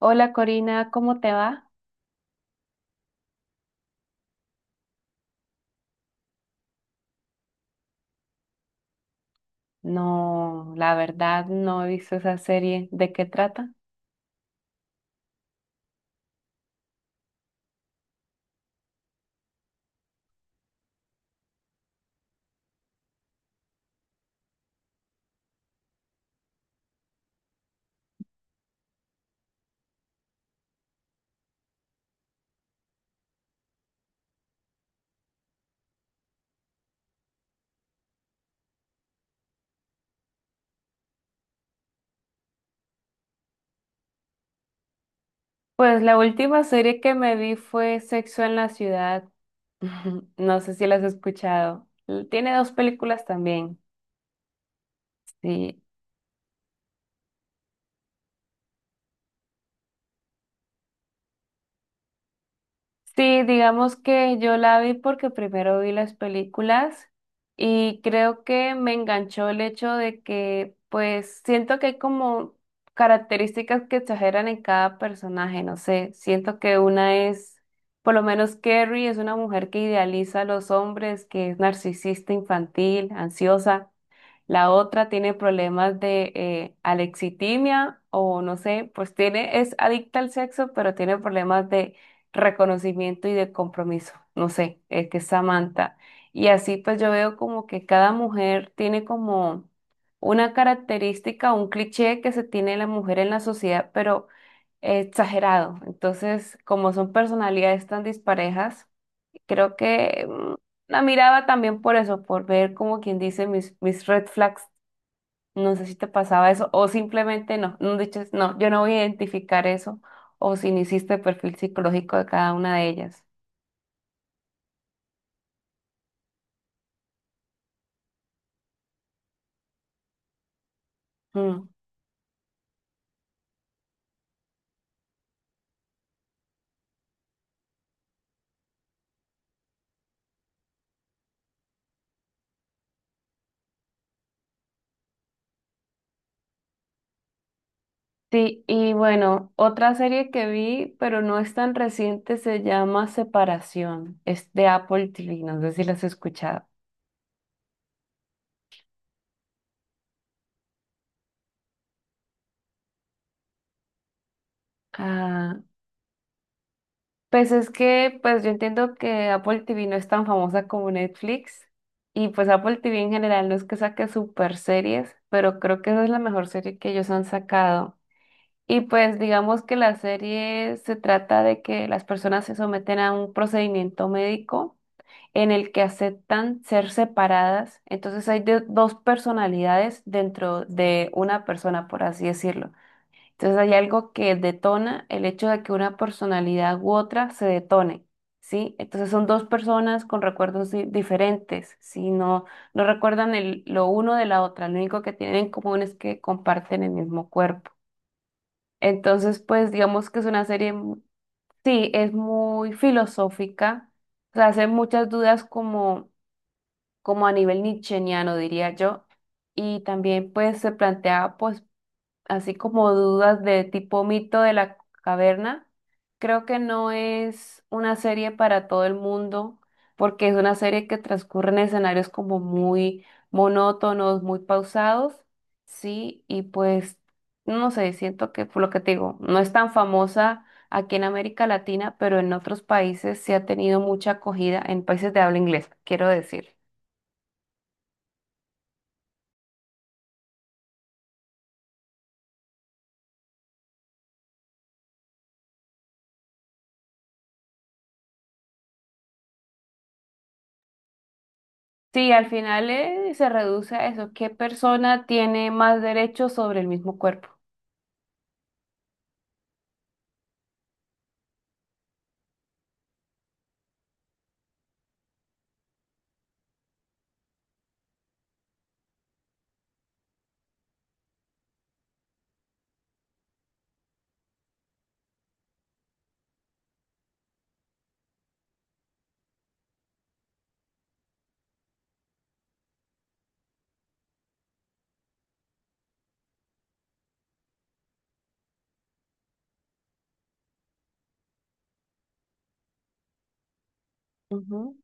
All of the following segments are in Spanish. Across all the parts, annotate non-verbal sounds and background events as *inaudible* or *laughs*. Hola Corina, ¿cómo te va? No, la verdad no he visto esa serie. ¿De qué trata? Pues la última serie que me vi fue Sexo en la Ciudad. *laughs* No sé si la has escuchado. Tiene dos películas también. Sí, sí, digamos que yo la vi porque primero vi las películas y creo que me enganchó el hecho de que pues siento que hay como características que exageran en cada personaje, no sé, siento que una es, por lo menos Carrie es una mujer que idealiza a los hombres, que es narcisista, infantil, ansiosa. La otra tiene problemas de alexitimia o no sé, pues tiene, es adicta al sexo, pero tiene problemas de reconocimiento y de compromiso. No sé, es que es Samantha. Y así pues yo veo como que cada mujer tiene como una característica, un cliché que se tiene la mujer en la sociedad, pero exagerado. Entonces, como son personalidades tan disparejas, creo que la miraba también por eso, por ver como quien dice mis red flags, no sé si te pasaba eso o simplemente no, no dices, no, yo no voy a identificar eso o si no hiciste el perfil psicológico de cada una de ellas. Mm. Sí, y bueno, otra serie que vi, pero no es tan reciente, se llama Separación. Es de Apple TV, no sé si las has escuchado. Ah, pues es que, pues yo entiendo que Apple TV no es tan famosa como Netflix y pues Apple TV en general no es que saque super series, pero creo que esa es la mejor serie que ellos han sacado. Y pues digamos que la serie se trata de que las personas se someten a un procedimiento médico en el que aceptan ser separadas. Entonces hay dos personalidades dentro de una persona, por así decirlo. Entonces hay algo que detona el hecho de que una personalidad u otra se detone, ¿sí? Entonces son dos personas con recuerdos diferentes, ¿sí? No, no recuerdan lo uno de la otra. Lo único que tienen en común es que comparten el mismo cuerpo. Entonces, pues digamos que es una serie, sí, es muy filosófica, o sea, hace muchas dudas como, como a nivel nietzscheano, diría yo, y también pues se plantea pues, así como dudas de tipo mito de la caverna, creo que no es una serie para todo el mundo, porque es una serie que transcurre en escenarios como muy monótonos, muy pausados, sí, y pues, no sé, siento que por lo que te digo, no es tan famosa aquí en América Latina, pero en otros países sí ha tenido mucha acogida, en países de habla inglesa, quiero decir. Sí, al final se reduce a eso, ¿qué persona tiene más derechos sobre el mismo cuerpo? Ujú.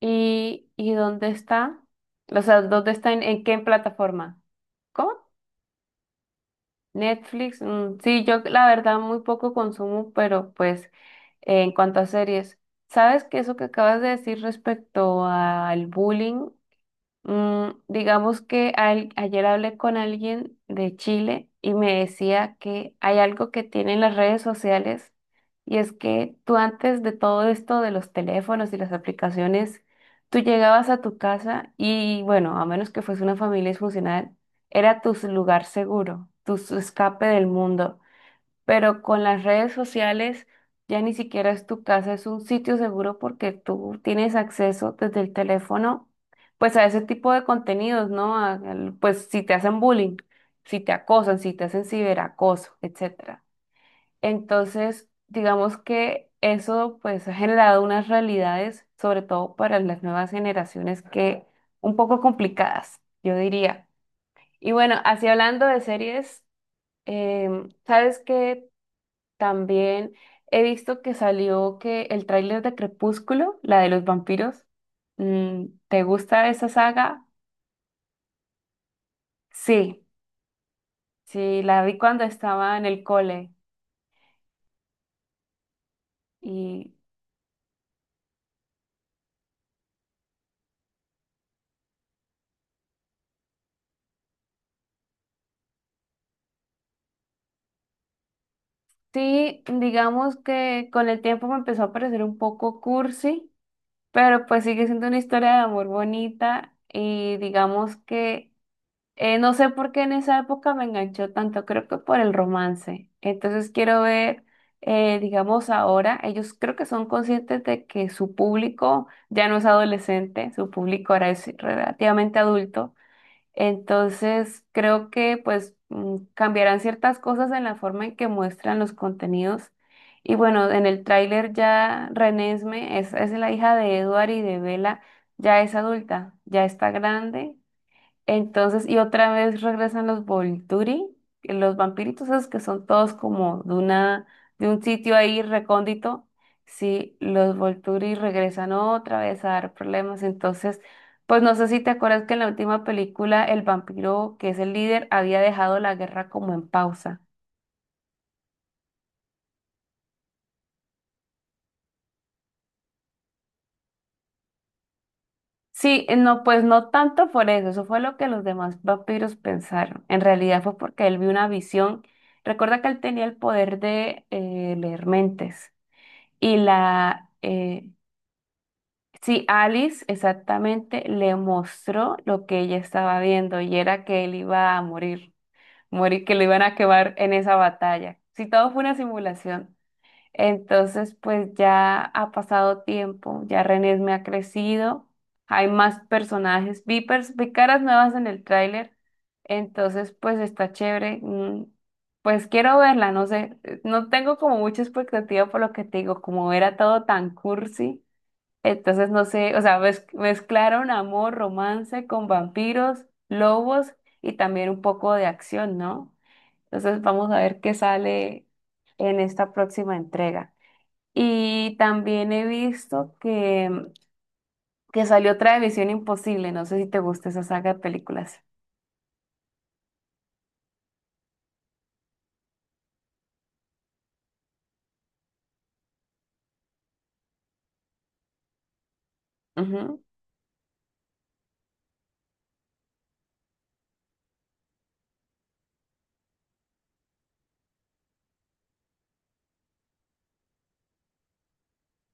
Y dónde está? O sea, ¿dónde está? En qué plataforma? ¿Cómo? Netflix. Mm, sí, yo la verdad muy poco consumo, pero pues en cuanto a series, ¿sabes que eso que acabas de decir respecto al bullying? Mm, digamos que ayer hablé con alguien de Chile y me decía que hay algo que tienen las redes sociales y es que tú antes de todo esto de los teléfonos y las aplicaciones, tú llegabas a tu casa y bueno, a menos que fuese una familia disfuncional, era tu lugar seguro, tu escape del mundo, pero con las redes sociales ya ni siquiera es tu casa, es un sitio seguro porque tú tienes acceso desde el teléfono, pues a ese tipo de contenidos, ¿no? Pues si te hacen bullying, si te acosan, si te hacen ciberacoso, etcétera. Entonces, digamos que eso pues ha generado unas realidades, sobre todo para las nuevas generaciones, que un poco complicadas, yo diría. Y bueno, así hablando de series, ¿sabes qué? También he visto que salió que el tráiler de Crepúsculo, la de los vampiros. Mm, ¿te gusta esa saga? Sí, sí, la vi cuando estaba en el cole. Y sí, digamos que con el tiempo me empezó a parecer un poco cursi, pero pues sigue siendo una historia de amor bonita y digamos que... no sé por qué en esa época me enganchó tanto, creo que por el romance. Entonces quiero ver, digamos, ahora, ellos creo que son conscientes de que su público ya no es adolescente, su público ahora es relativamente adulto. Entonces creo que pues cambiarán ciertas cosas en la forma en que muestran los contenidos. Y bueno, en el tráiler ya Renesme es la hija de Edward y de Bella, ya es adulta, ya está grande entonces, y otra vez regresan los Volturi, los vampiritos esos que son todos como de una, de un sitio ahí recóndito. Sí, los Volturi regresan otra vez a dar problemas. Entonces, pues no sé si te acuerdas que en la última película el vampiro, que es el líder, había dejado la guerra como en pausa. Sí, no, pues no tanto por eso, eso fue lo que los demás vampiros pensaron. En realidad fue porque él vio una visión. Recuerda que él tenía el poder de leer mentes. Y la, sí, Alice exactamente le mostró lo que ella estaba viendo y era que él iba a morir, morir, que lo iban a quemar en esa batalla. Si todo fue una simulación. Entonces, pues ya ha pasado tiempo, ya René me ha crecido, hay más personajes, vi caras nuevas en el tráiler, entonces pues está chévere, pues quiero verla, no sé, no tengo como mucha expectativa por lo que te digo, como era todo tan cursi, entonces no sé, o sea, mezclaron amor, romance con vampiros, lobos y también un poco de acción, ¿no? Entonces vamos a ver qué sale en esta próxima entrega. Y también he visto que salió otra de Misión Imposible. No sé si te gusta esa saga de películas. Ujú.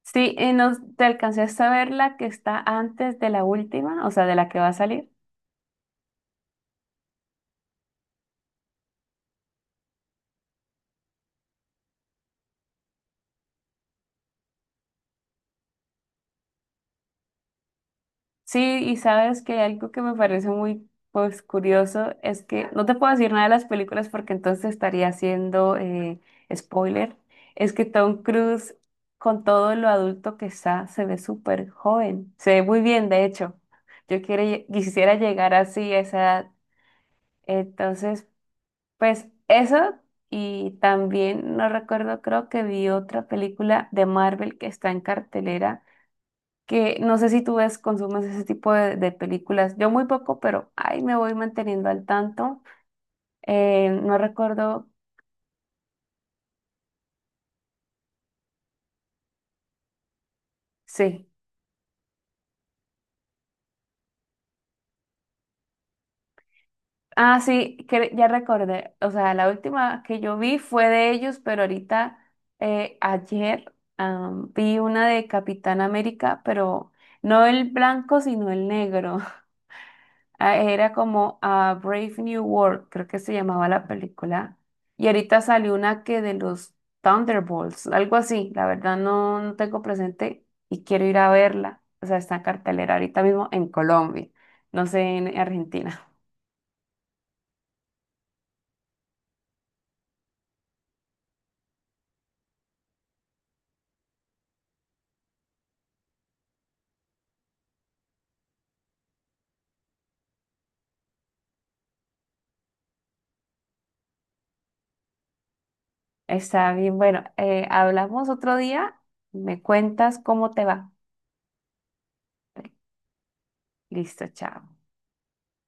Sí, y no, ¿te alcancé a ver la que está antes de la última? O sea, de la que va a salir. Sí, y sabes que algo que me parece muy pues curioso es que no te puedo decir nada de las películas porque entonces estaría haciendo spoiler. Es que Tom Cruise, con todo lo adulto que está, se ve súper joven. Se ve muy bien, de hecho. Yo quiero, quisiera llegar así a esa edad. Entonces, pues eso. Y también no recuerdo, creo que vi otra película de Marvel que está en cartelera que no sé si tú ves, consumes ese tipo de películas. Yo muy poco, pero ahí me voy manteniendo al tanto. No recuerdo, sí. Ah, sí, que ya recordé. O sea, la última que yo vi fue de ellos, pero ahorita, ayer, vi una de Capitán América, pero no el blanco, sino el negro. Ah, era como a Brave New World, creo que se llamaba la película. Y ahorita salió una que de los Thunderbolts, algo así. La verdad no, no tengo presente y quiero ir a verla. O sea, está en cartelera ahorita mismo en Colombia, no sé, en Argentina. *laughs* Está bien, bueno, hablamos otro día. Me cuentas cómo te va. Listo, chao.